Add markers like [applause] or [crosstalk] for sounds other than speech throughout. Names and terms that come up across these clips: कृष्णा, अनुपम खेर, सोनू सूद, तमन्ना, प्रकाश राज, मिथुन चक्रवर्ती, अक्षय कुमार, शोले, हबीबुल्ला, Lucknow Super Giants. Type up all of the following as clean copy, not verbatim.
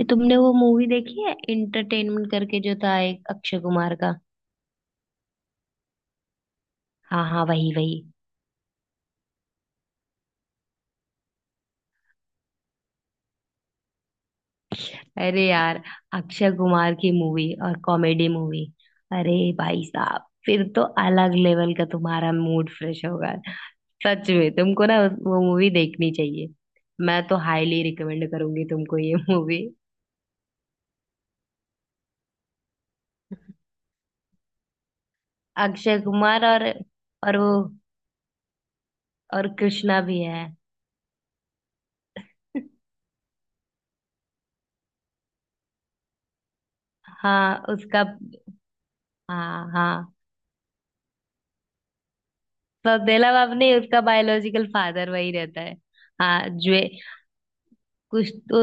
ये तुमने वो मूवी देखी है इंटरटेनमेंट करके जो था एक अक्षय कुमार का। हाँ हाँ, वही वही। अरे यार, अक्षय कुमार की मूवी और कॉमेडी मूवी। अरे भाई साहब, फिर तो अलग लेवल का तुम्हारा मूड फ्रेश होगा। सच में तुमको ना वो मूवी देखनी चाहिए। मैं तो हाईली रिकमेंड करूंगी तुमको ये मूवी। अक्षय कुमार और वो और कृष्णा भी है। [laughs] हाँ, उसका। हाँ हाँ, बबेला बाप नहीं, उसका बायोलॉजिकल फादर वही रहता है। हाँ, ज्वे कुछ तो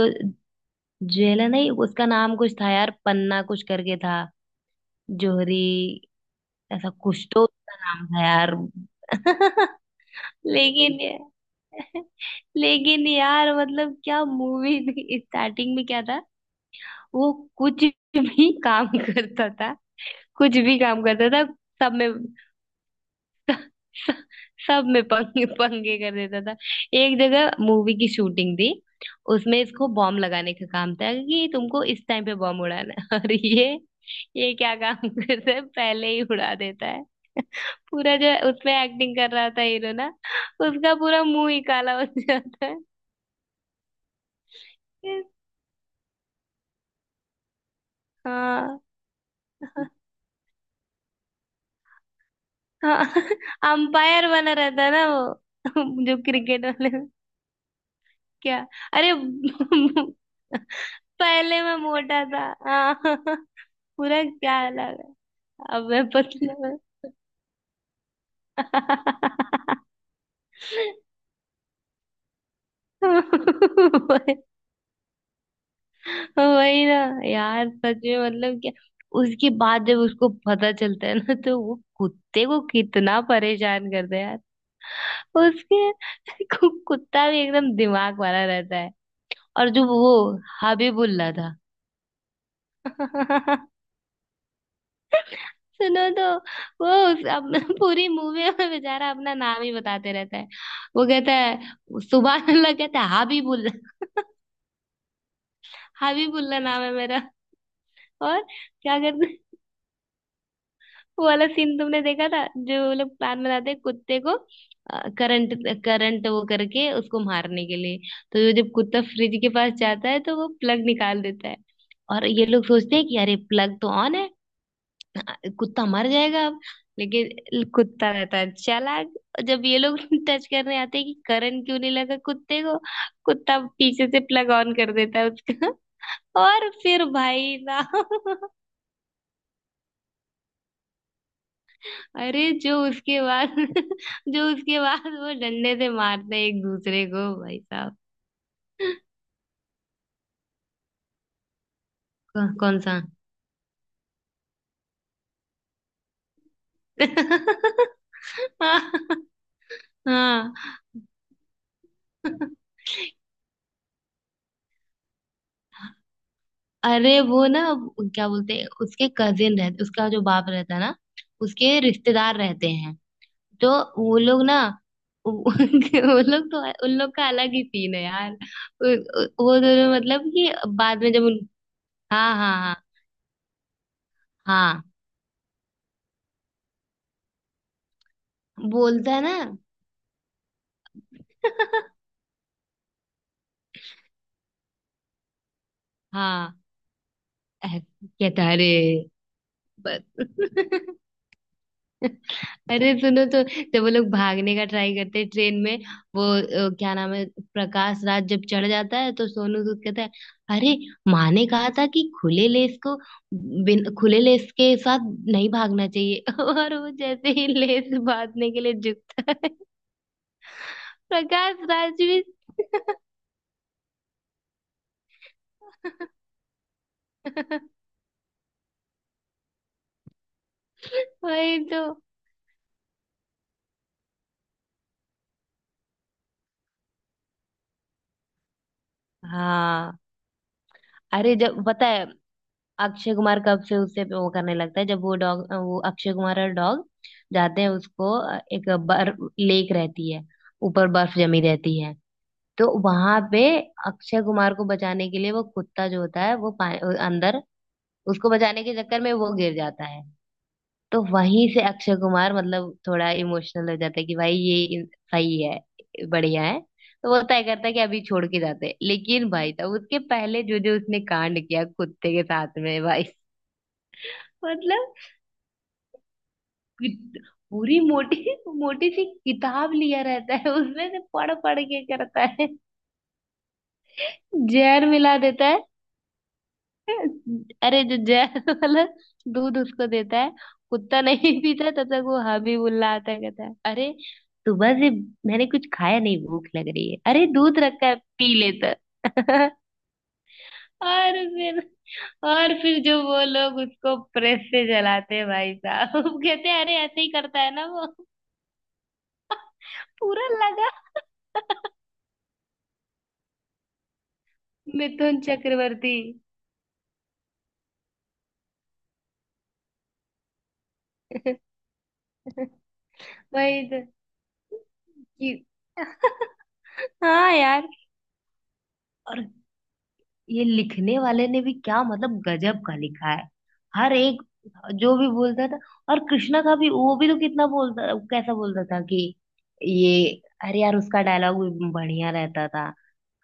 ज्वेला नहीं, उसका नाम कुछ था यार, पन्ना कुछ करके था। जोहरी, ऐसा कुछ तो उसका नाम था यार। [laughs] लेकिन ये- लेकिन यार मतलब क्या मूवी थी, स्टार्टिंग में क्या था। वो कुछ भी काम [laughs] करता था। कुछ भी काम करता था। सब में, सब में पंगे पंगे कर देता था। एक जगह मूवी की शूटिंग थी, उसमें इसको बॉम्ब लगाने का काम था कि तुमको इस टाइम पे बॉम्ब उड़ाना है। [laughs] और ये क्या काम करता है, पहले ही उड़ा देता है। [laughs] पूरा जो उसमें एक्टिंग कर रहा था हीरो ना, उसका पूरा मुंह ही काला हो जाता है। हाँ। हाँ [laughs] अंपायर बना रहता है ना वो। [laughs] जो क्रिकेट वाले क्या, अरे। [laughs] पहले मैं मोटा था। हाँ पूरा, क्या अलग है। अब मैं पतला हूँ। वही, वही ना। यार सच में मतलब क्या। उसके बाद जब उसको पता चलता है ना, तो वो कुत्ते को कितना परेशान करता है यार। उसके कुत्ता भी एकदम दिमाग वाला रहता है। और जो वो हबीबुल्ला था। [laughs] सुनो तो। वो उस, अब [laughs] पूरी मूवी में बेचारा अपना नाम ही बताते रहता है। वो कहता है, सुबह अल्लाह कहता है हाबीबुल्ला, हाबीबुल्ला नाम है मेरा। और क्या करते, वो वाला सीन तुमने देखा था, जो वो लोग प्लान बनाते हैं कुत्ते को करंट, करंट वो करके उसको मारने के लिए। तो ये जब कुत्ता फ्रिज के पास जाता है, तो वो प्लग निकाल देता है। और ये लोग सोचते हैं कि अरे प्लग तो ऑन है, कुत्ता मर जाएगा अब। लेकिन कुत्ता रहता है चालाक। जब ये लोग [laughs] टच करने आते हैं कि करंट क्यों नहीं लगा कुत्ते को, कुत्ता पीछे से प्लग ऑन कर देता है उसका। [laughs] और फिर भाई साहब, [laughs] अरे जो उसके बाद, [laughs] जो उसके बाद वो डंडे से मारते हैं एक दूसरे को, भाई साहब। [laughs] कौन कौन सा। [laughs] हाँ हाँ। अरे वो ना, क्या बोलते हैं, उसके कजिन रहते, उसका जो बाप रहता है ना, उसके रिश्तेदार रहते हैं। तो वो लोग ना, वो [laughs] वो लोग तो, उन लोग का अलग ही सीन है यार। वो दोनों मतलब, कि बाद में जब उन, हाँ हाँ हाँ हाँ, बोलता है ना। [laughs] हाँ, कहता है, अरे बस। [laughs] अरे सुनो तो, जब वो लोग भागने का ट्राई करते हैं ट्रेन में, वो क्या नाम है, प्रकाश राज जब चढ़ जाता है तो सोनू सूद कहता है, अरे माँ ने कहा था कि खुले लेस को, बिन खुले लेस के साथ नहीं भागना चाहिए। [laughs] और वो जैसे ही लेस बांधने के लिए झुकता है, [laughs] प्रकाश राज भी। [laughs] वही तो। हाँ, अरे जब पता है, अक्षय कुमार कब से उससे वो करने लगता है, जब वो डॉग, वो अक्षय कुमार और डॉग जाते हैं उसको, एक बर्फ लेक रहती है, ऊपर बर्फ जमी रहती है। तो वहां पे अक्षय कुमार को बचाने के लिए वो कुत्ता जो होता है वो अंदर, उसको बचाने के चक्कर में वो गिर जाता है। तो वहीं से अक्षय कुमार मतलब थोड़ा इमोशनल हो जाता है कि भाई ये सही है, बढ़िया है। तो वो तय करता है कि अभी छोड़ के जाते हैं, लेकिन भाई तब उसके पहले जो जो उसने कांड किया कुत्ते के साथ में भाई। मतलब कि- पूरी मोटी मोटी सी किताब लिया रहता है, उसमें से पढ़ पढ़ के करता है, जहर मिला देता है। अरे जो जहर वाला दूध उसको देता है, कुत्ता नहीं [laughs] पीता, तब तक वो हबीबुल्ला आता है, कहता है अरे सुबह से मैंने कुछ खाया नहीं, भूख लग रही है, अरे दूध रखा है पी लेता। [laughs] और फिर, और फिर जो वो लोग उसको प्रेस से जलाते हैं भाई साहब, [laughs] कहते हैं अरे ऐसे ही करता है ना वो, पूरा लगा। [laughs] मिथुन चक्रवर्ती। [laughs] वही तो कि- हाँ यार, और ये लिखने वाले ने भी क्या मतलब गजब का लिखा है। हर एक जो भी बोलता था। और कृष्णा का भी, वो भी तो कितना बोलता, कैसा बोलता था कि ये, अरे यार उसका डायलॉग भी बढ़िया रहता था।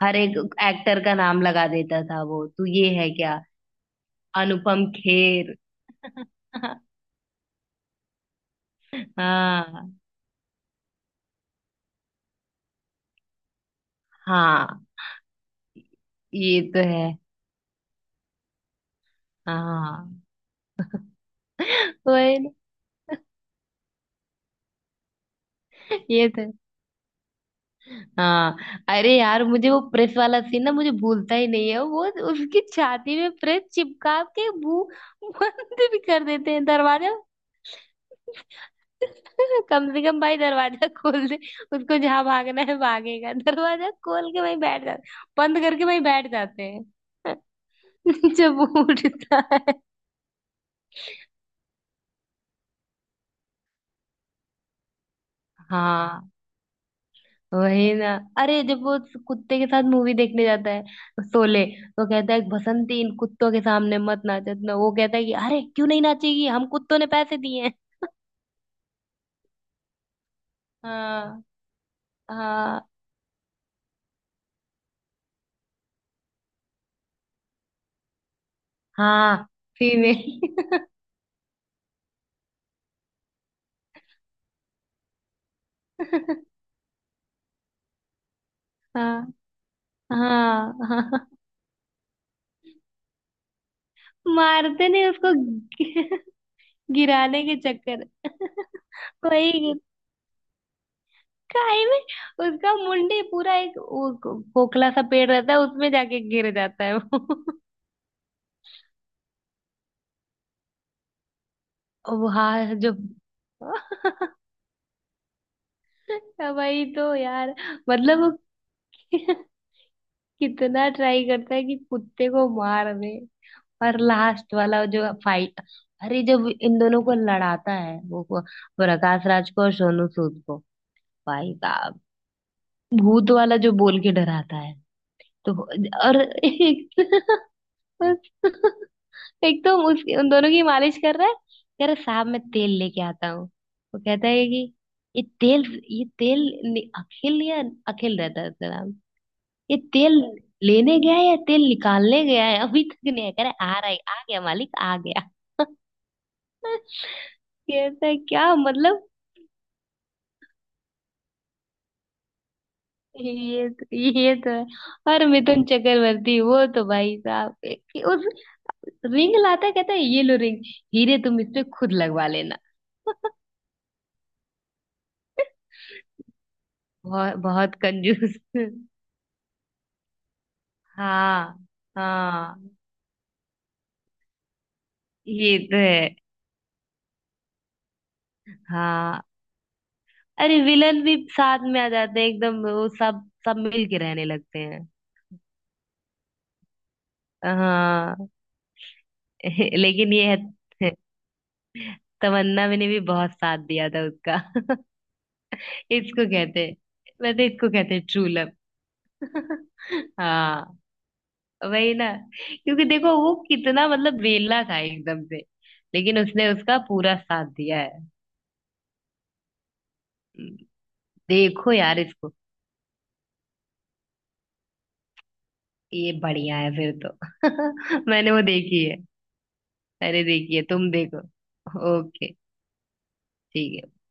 हर एक एक्टर का नाम लगा देता था वो, तू ये है क्या। अनुपम खेर। [laughs] हाँ हाँ, ये तो है। हाँ। [laughs] वही ना, ये तो है। हाँ, अरे यार मुझे वो प्रेस वाला सीन ना, मुझे भूलता ही नहीं है वो। उसकी छाती में प्रेस चिपका के भू बंद भी कर देते हैं दरवाजा। [laughs] कम से कम भाई दरवाजा खोल दे, उसको जहां भागना है भागेगा, दरवाजा खोल के वहीं बैठ जाते, बंद करके वहीं बैठ जाते हैं। [laughs] जब वो उठता है, हाँ वही ना। अरे जब वो उस कुत्ते के साथ मूवी देखने जाता है, शोले, तो कहता है बसंती इन कुत्तों के सामने मत नाचे ना, वो कहता है कि अरे क्यों नहीं नाचेगी, हम कुत्तों ने पैसे दिए हैं। हाँ हाँ हाँ, फीमेल। [laughs] हाँ हाँ हाँ, मारते नहीं उसको। [laughs] गिराने के चक्कर। [laughs] वही। काई में, उसका मुंडी पूरा, एक वो खोखला सा पेड़ रहता है, उसमें जाके गिर जाता है वो। [laughs] अब हाँ जब, [laughs] वही तो यार, मतलब वो [laughs] कितना ट्राई करता है कि कुत्ते को मार दे। और लास्ट वाला जो फाइट, अरे जब इन दोनों को लड़ाता है वो, प्रकाश राज को और सोनू सूद को, भाई साहब भूत वाला जो बोल के डराता है तो। और एक, [laughs] एक तो उसकी उन दोनों की मालिश कर रहा है, कह रहा साहब मैं तेल लेके आता हूँ। वो कहता है कि ये तेल, ये तेल अखिल, या अखिल रहता है उसका नाम, ये तेल लेने गया है या तेल निकालने गया है अभी तक नहीं आया। कह रहा है, आ रहा है, आ गया मालिक आ गया। [laughs] कहता है क्या मतलब। ये तो, ये तो है, और मिथुन चक्रवर्ती वो तो भाई साहब रिंग लाता है, कहता है ये लो रिंग, हीरे तुम इस पे खुद लगवा लेना। [laughs] बहुत बहुत कंजूस। [laughs] हाँ हाँ ये तो है। हाँ, अरे विलन भी साथ में आ जाते हैं एकदम, वो सब, सब मिल के रहने लगते हैं। हाँ। [laughs] लेकिन ये है, तमन्ना मैंने भी बहुत साथ दिया था उसका। [laughs] इसको कहते हैं, वैसे इसको कहते हैं ट्रू लव। [laughs] हाँ वही ना, क्योंकि देखो वो कितना मतलब वेला था एकदम से, लेकिन उसने उसका पूरा साथ दिया है। देखो यार इसको, ये बढ़िया है फिर तो। [laughs] मैंने वो देखी है, अरे देखी है, तुम देखो। ओके, ठीक है।